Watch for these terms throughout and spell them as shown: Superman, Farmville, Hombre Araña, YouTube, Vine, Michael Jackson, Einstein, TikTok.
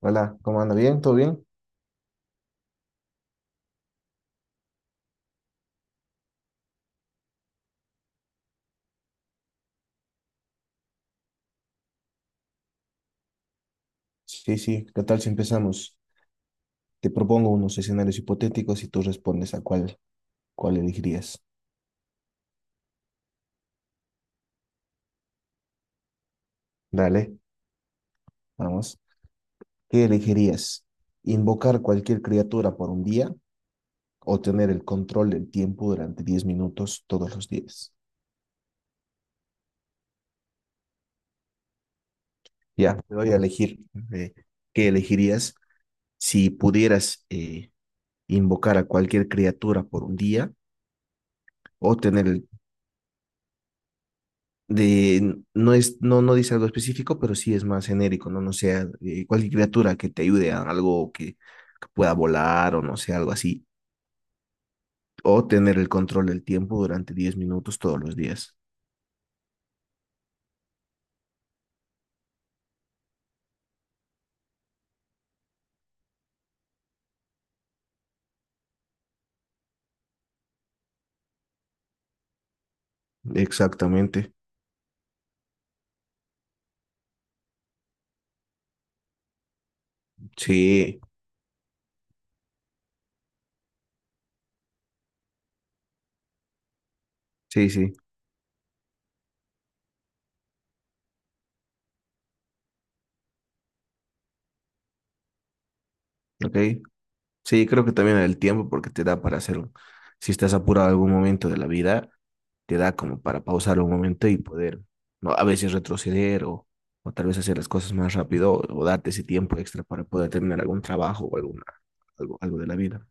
Hola, ¿cómo anda? ¿Bien? ¿Todo bien? Sí, sí, ¿qué tal si empezamos? Te propongo unos escenarios hipotéticos y tú respondes a cuál elegirías. Dale. Vamos. ¿Qué elegirías? ¿Invocar cualquier criatura por un día o tener el control del tiempo durante 10 minutos todos los días? Ya, te voy a elegir. eh, ¿Qué elegirías si pudieras invocar a cualquier criatura por un día o tener el de, no es, no, no dice algo específico, pero sí es más genérico, ¿no? No sea cualquier criatura que te ayude a algo que pueda volar o no sé, algo así. O tener el control del tiempo durante diez minutos todos los días. Exactamente. Sí, sí, sí. Ok. Sí, creo que también el tiempo, porque te da para hacer, si estás apurado en algún momento de la vida, te da como para pausar un momento y poder, ¿no? A veces retroceder o tal vez hacer las cosas más rápido o darte ese tiempo extra para poder terminar algún trabajo o algo, algo de la vida.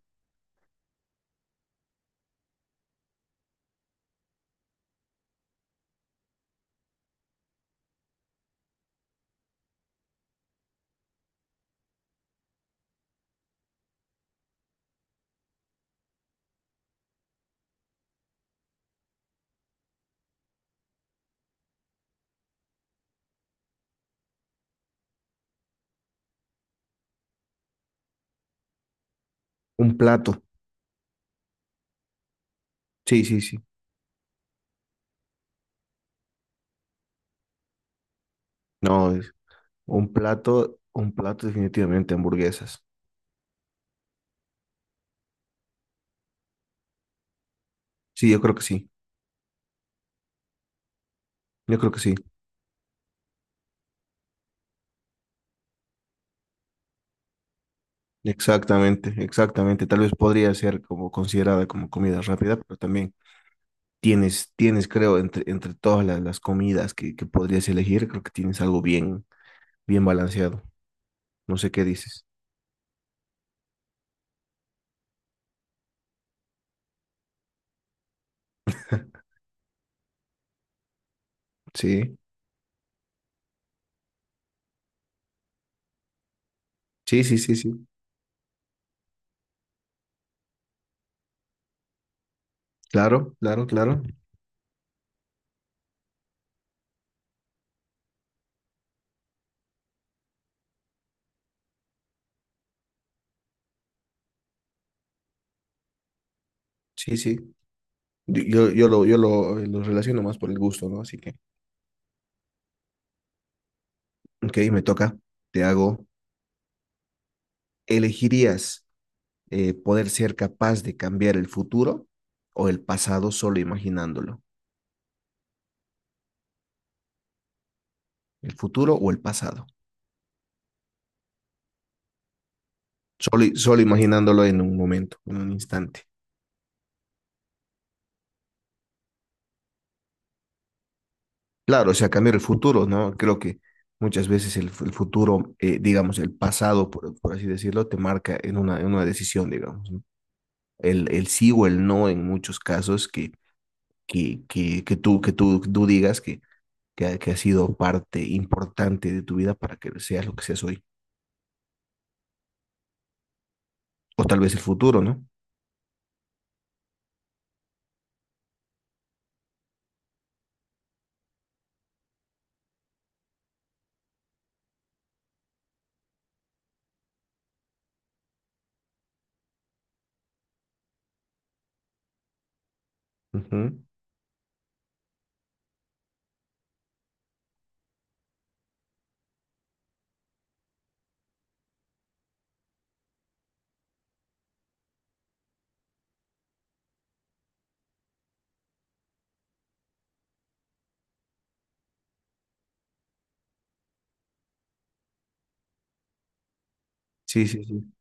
Un plato, sí, sí, sí. No, es un plato definitivamente hamburguesas. Sí, yo creo que sí, yo creo que sí. Exactamente, exactamente. Tal vez podría ser como considerada como comida rápida, pero también tienes, tienes, creo, entre todas las comidas que podrías elegir, creo que tienes algo bien, bien balanceado. No sé qué dices. Sí, sí, sí, sí, sí. Claro, claro, claro. Sí, sí. Yo lo relaciono más por el gusto, ¿no? Así que, ok, me toca. Te hago. ¿Elegirías poder ser capaz de cambiar el futuro o el pasado solo imaginándolo? ¿El futuro o el pasado? Solo imaginándolo en un momento, en un instante. Claro, o sea, cambiar el futuro, ¿no? Creo que muchas veces el futuro, digamos, el pasado, por así decirlo, te marca en una decisión, digamos, ¿no? El sí o el no en muchos casos que tú digas que ha que ha sido parte importante de tu vida para que seas lo que seas hoy. O tal vez el futuro, ¿no? Ujú. Sí, sí, sí.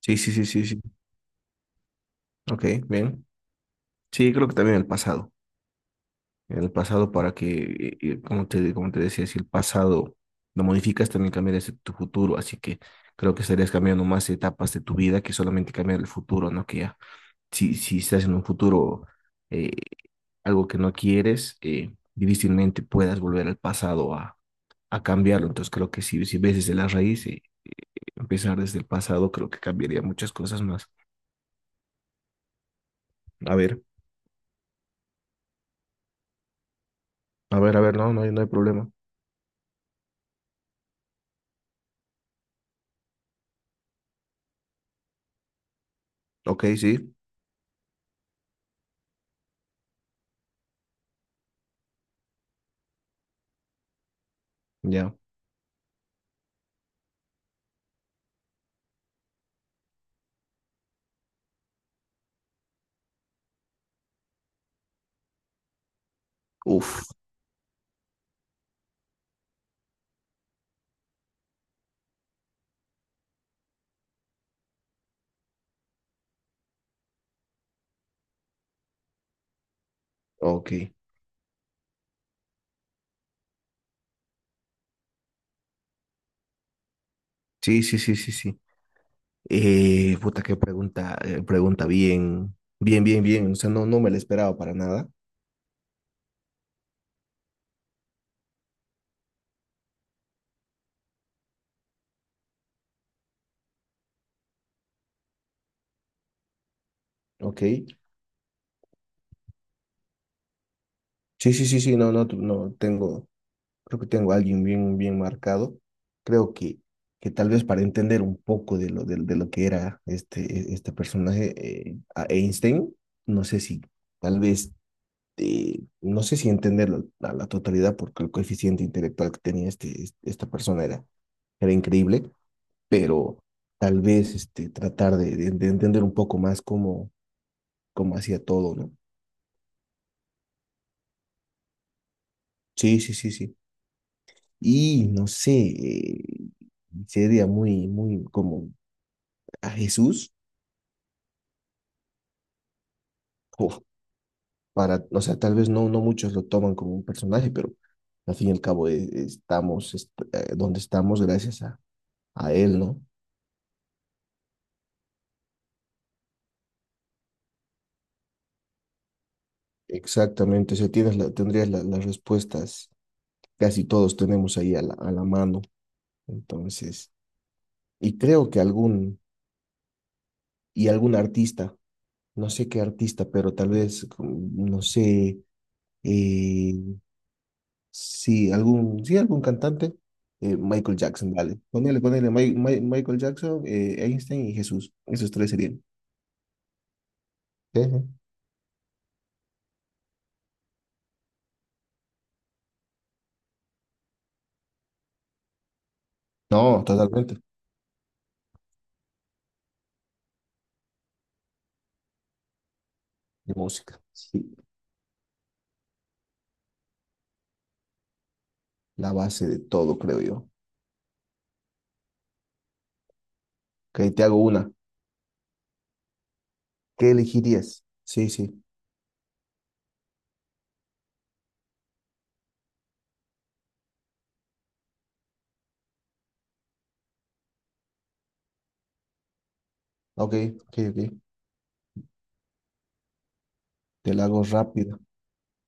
Sí, sí, sí, sí, sí. Ok, bien. Sí, creo que también el pasado. El pasado para que, como te decía, si el pasado lo modificas, también cambias tu futuro. Así que creo que estarías cambiando más etapas de tu vida que solamente cambiar el futuro, ¿no? Que ya, si estás en un futuro, eh, algo que no quieres, difícilmente puedas volver al pasado a cambiarlo. Entonces creo que si ves desde la raíz, empezar desde el pasado, creo que cambiaría muchas cosas más. A ver, a ver, no, no hay, no hay problema. Ok, sí, ya. Uf, ok. Sí, sí, sí, sí, sí. Puta, qué pregunta, pregunta bien, bien, bien, bien. O sea, no, no me la esperaba para nada. Ok. Sí, sí, sí, sí, no, no, tu- no, tengo, creo que tengo a alguien bien, bien marcado. Creo que tal vez para entender un poco de lo que era este, e- este personaje, a Einstein, no sé si, tal vez, no sé si entenderlo a la totalidad, porque el coeficiente intelectual que tenía este, este- esta persona era, era increíble pero tal vez este, tratar de entender un poco más cómo, cómo hacía todo, ¿no? Sí, sí, sí, sí. Y no sé, sería muy, muy como a Jesús, o para, o sea, tal vez no, no muchos lo toman como un personaje, pero al fin y al cabo estamos est- donde estamos gracias a Él, ¿no? Exactamente, o sea, tendrías las respuestas, casi todos tenemos ahí a la mano, entonces, y creo que algún y algún artista, no sé qué artista, pero tal vez, no sé, eh, sí, algún cantante, Michael Jackson, vale. Ponele, ponele, Mi- Mi- Michael Jackson, Einstein y Jesús, esos tres serían. Sí, sí. No, totalmente, de música, sí, la base de todo, creo yo. Ok, te hago una, ¿qué elegirías? Sí, sí, ok, ok, ok, te la hago rápido.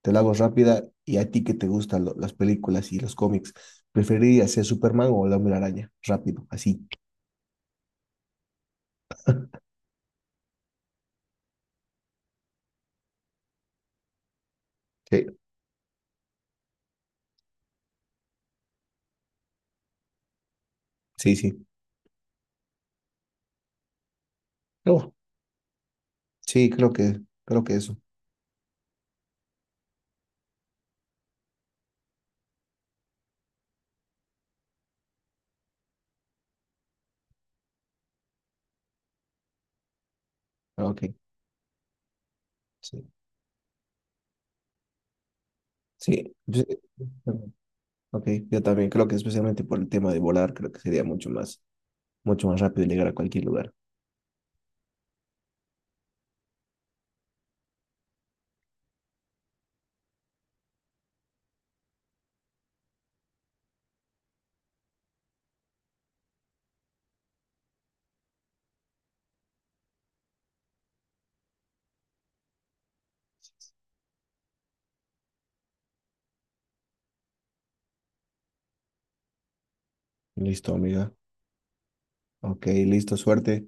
Te la hago rápida y a ti que te gustan las películas y los cómics, ¿preferirías ser Superman o el Hombre Araña? Rápido, así. Sí, sí, sí. Oh, sí, creo que eso. Ah, ok, sí, sí. Yo- ok, yo también creo que especialmente por el tema de volar, creo que sería mucho más rápido llegar a cualquier lugar. Listo, amiga. Ok, listo, suerte.